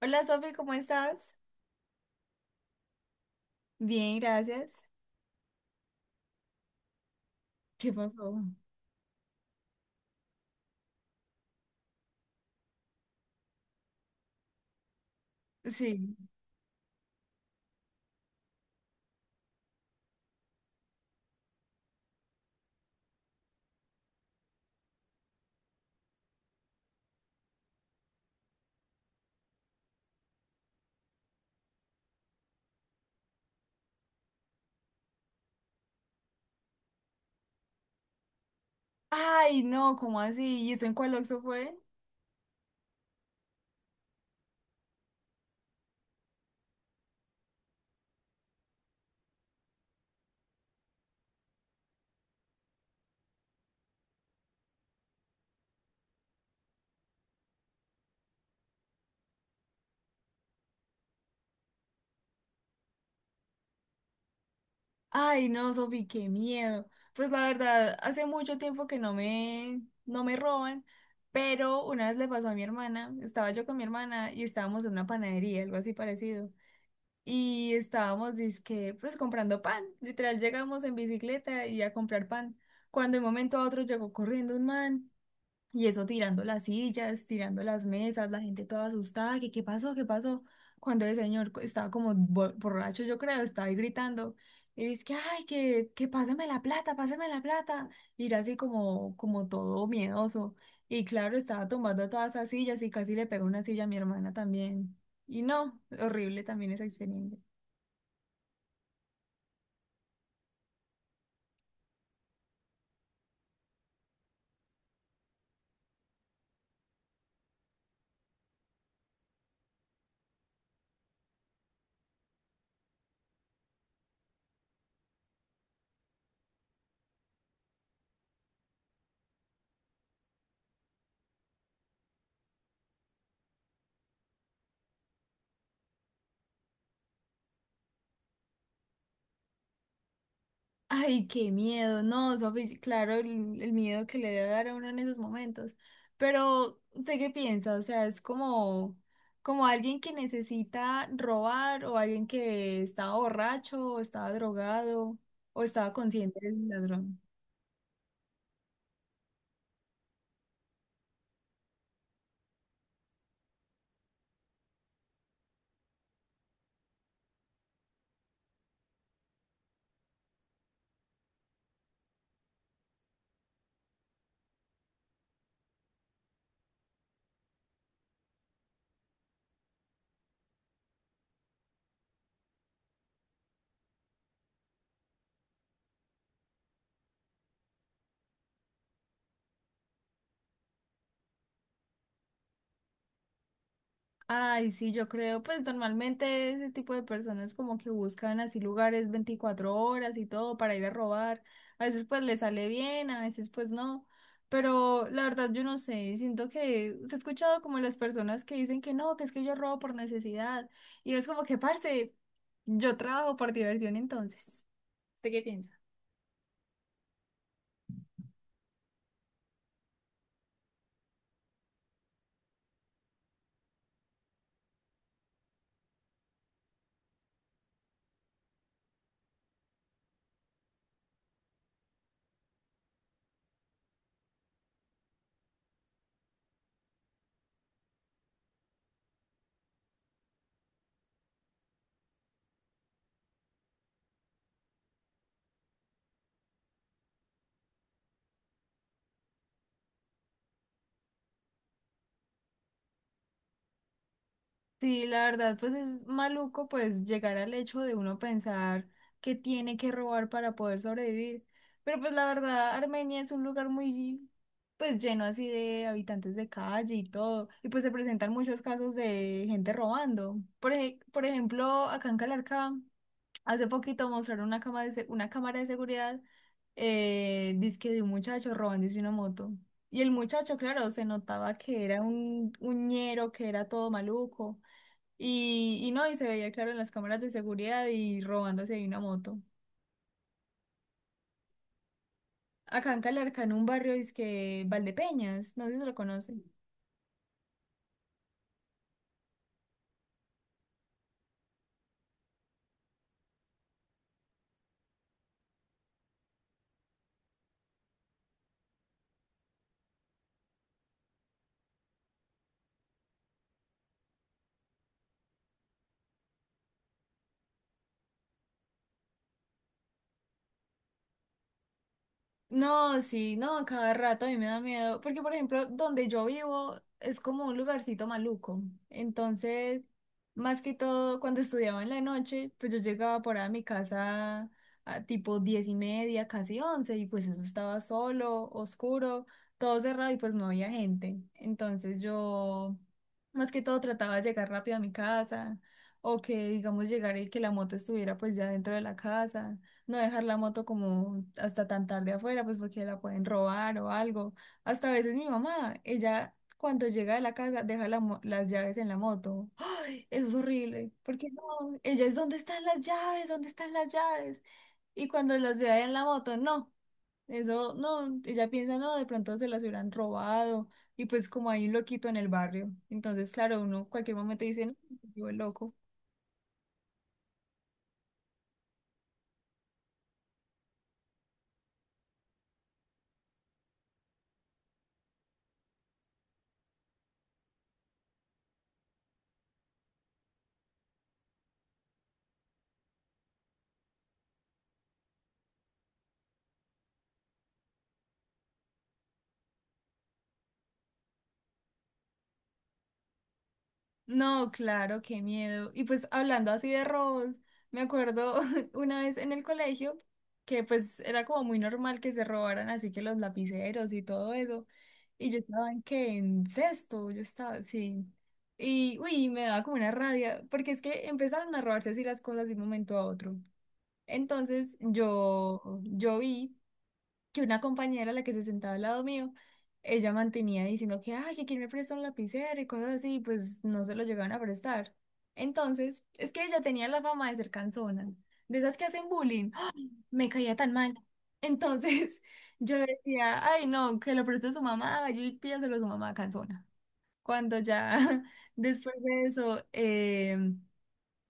Hola Sofi, ¿cómo estás? Bien, gracias. ¿Qué pasó? Sí. Ay, no, ¿cómo así? ¿Y eso en cuál Oxxo fue? Ay, no, Sofi, qué miedo. Pues la verdad, hace mucho tiempo que no me roban, pero una vez le pasó a mi hermana, estaba yo con mi hermana y estábamos en una panadería, algo así parecido. Y estábamos, dizque, pues comprando pan. Literal, llegamos en bicicleta y a comprar pan. Cuando de un momento a otro llegó corriendo un man. Y eso tirando las sillas, tirando las mesas, la gente toda asustada, que qué pasó, qué pasó. Cuando el señor estaba como borracho, yo creo, estaba ahí gritando. Y dice que, ay, que páseme la plata, páseme la plata. Y era así como, como todo miedoso. Y claro, estaba tomando todas esas sillas y casi le pegó una silla a mi hermana también. Y no, horrible también esa experiencia. Ay, qué miedo, no, Sofi, claro, el miedo que le debe dar a uno en esos momentos, pero sé qué piensa, o sea, es como, como alguien que necesita robar o alguien que estaba borracho o estaba drogado o estaba consciente del ladrón. Ay, sí, yo creo, pues normalmente ese tipo de personas como que buscan así lugares 24 horas y todo para ir a robar. A veces pues le sale bien, a veces pues no. Pero la verdad yo no sé, siento que se ha escuchado como las personas que dicen que no, que es que yo robo por necesidad. Y es como que, parce, yo trabajo por diversión entonces. ¿Usted qué piensa? Sí, la verdad, pues es maluco pues llegar al hecho de uno pensar que tiene que robar para poder sobrevivir. Pero pues la verdad, Armenia es un lugar muy pues lleno así de habitantes de calle y todo. Y pues se presentan muchos casos de gente robando. Por ejemplo, acá en Calarcá, hace poquito mostraron una cámara una cámara de seguridad, dizque de un muchacho robándose una moto. Y el muchacho, claro, se notaba que era un ñero, que era todo maluco. Y no, y se veía claro en las cámaras de seguridad y robándose ahí una moto. Acá en Calarca, en un barrio, es que Valdepeñas, no sé si lo conoce. No, sí, no, a cada rato a mí me da miedo, porque por ejemplo, donde yo vivo es como un lugarcito maluco. Entonces, más que todo, cuando estudiaba en la noche, pues yo llegaba por ahí a mi casa a tipo 10:30, casi 11, y pues eso estaba solo, oscuro, todo cerrado y pues no había gente. Entonces yo, más que todo, trataba de llegar rápido a mi casa, o que digamos llegar y que la moto estuviera pues ya dentro de la casa no dejar la moto como hasta tan tarde afuera, pues porque la pueden robar o algo. Hasta a veces mi mamá, ella cuando llega de la casa deja las llaves en la moto. ¡Ay! Eso es horrible, porque no, ella es ¿dónde están las llaves? ¿Dónde están las llaves? Y cuando las ve ahí en la moto, no, eso no, ella piensa, no, de pronto se las hubieran robado. Y pues como hay un loquito en el barrio, entonces claro, uno cualquier momento dice, no, el loco. No, claro, qué miedo. Y pues hablando así de robos, me acuerdo una vez en el colegio que pues era como muy normal que se robaran así que los lapiceros y todo eso. Y yo estaba en que en sexto, yo estaba, sí. Y uy, me daba como una rabia, porque es que empezaron a robarse así las cosas de un momento a otro. Entonces yo vi que una compañera, la que se sentaba al lado mío, ella mantenía diciendo que, ay, que quién me presta un lapicero y cosas así, y pues no se lo llegaban a prestar. Entonces, es que ella tenía la fama de ser cansona, de esas que hacen bullying. ¡Ah! Me caía tan mal. Entonces, yo decía, ay, no, que lo preste a su mamá, vaya y pídaselo a su mamá cansona. Cuando ya después de eso,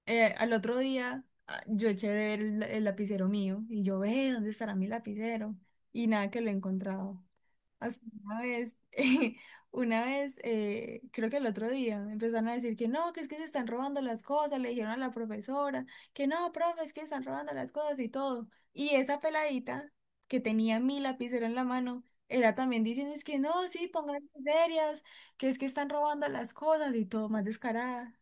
al otro día ah, yo eché de ver el lapicero mío y yo ve dónde estará mi lapicero y nada que lo he encontrado. Hasta una vez, una vez, creo que el otro día empezaron a decir que no, que es que se están robando las cosas, le dijeron a la profesora que no, profe, es que están robando las cosas y todo. Y esa peladita que tenía mi lapicero en la mano era también diciendo es que no, sí, pónganse serias, que es que están robando las cosas y todo, más descarada.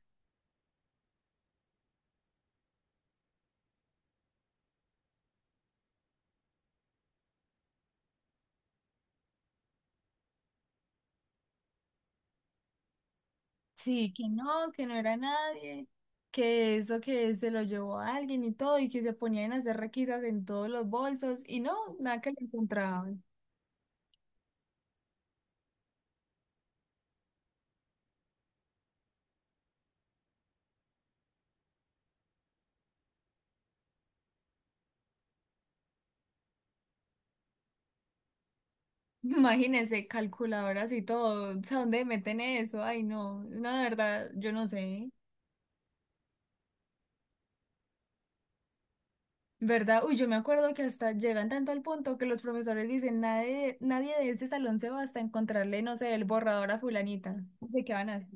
Sí, que no era nadie, que eso que se lo llevó a alguien y todo, y que se ponían a hacer requisas en todos los bolsos, y no, nada que lo encontraban. Imagínense, calculadoras y todo, o sea, ¿dónde meten eso? Ay, no, no, de verdad, yo no sé. ¿Verdad? Uy, yo me acuerdo que hasta llegan tanto al punto que los profesores dicen, nadie, nadie de este salón se va hasta encontrarle, no sé, el borrador a fulanita. No sé qué van a hacer.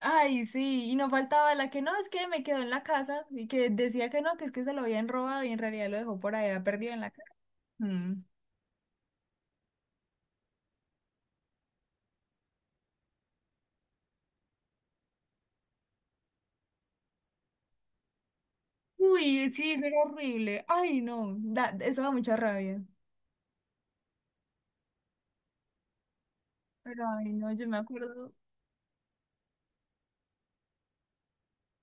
Ay, sí, y no faltaba la que no, es que me quedó en la casa y que decía que no, que es que se lo habían robado y en realidad lo dejó por allá perdido en la casa. Mm. Uy, sí, eso era horrible. Ay, no, eso da mucha rabia. Pero ay, no, yo me acuerdo.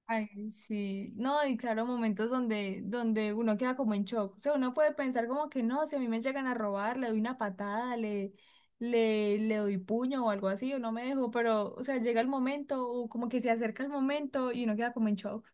Ay, sí. No, y claro, momentos donde, donde uno queda como en shock. O sea, uno puede pensar como que no, si a mí me llegan a robar, le doy una patada, le doy puño o algo así, o no me dejo, pero, o sea, llega el momento, o como que se acerca el momento y uno queda como en shock.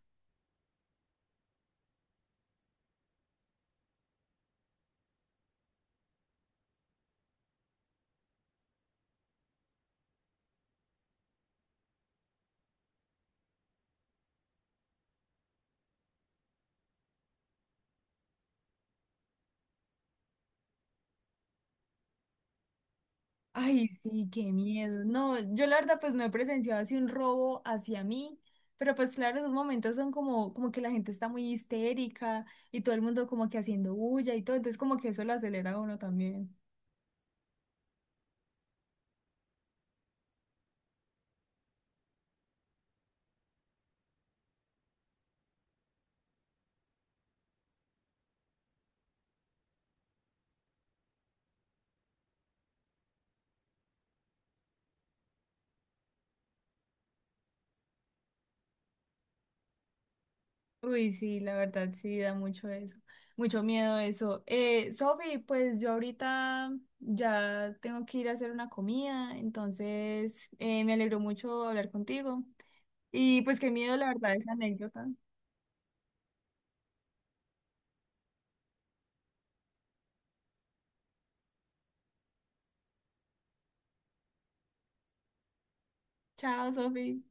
Ay, sí, qué miedo. No, yo la verdad pues no he presenciado así un robo hacia mí, pero pues claro, esos momentos son como, como que la gente está muy histérica y todo el mundo como que haciendo bulla y todo, entonces como que eso lo acelera a uno también. Uy, sí, la verdad sí da mucho eso, mucho miedo eso. Sofi, pues yo ahorita ya tengo que ir a hacer una comida, entonces me alegró mucho hablar contigo y pues qué miedo la verdad esa anécdota. Chao, Sofi.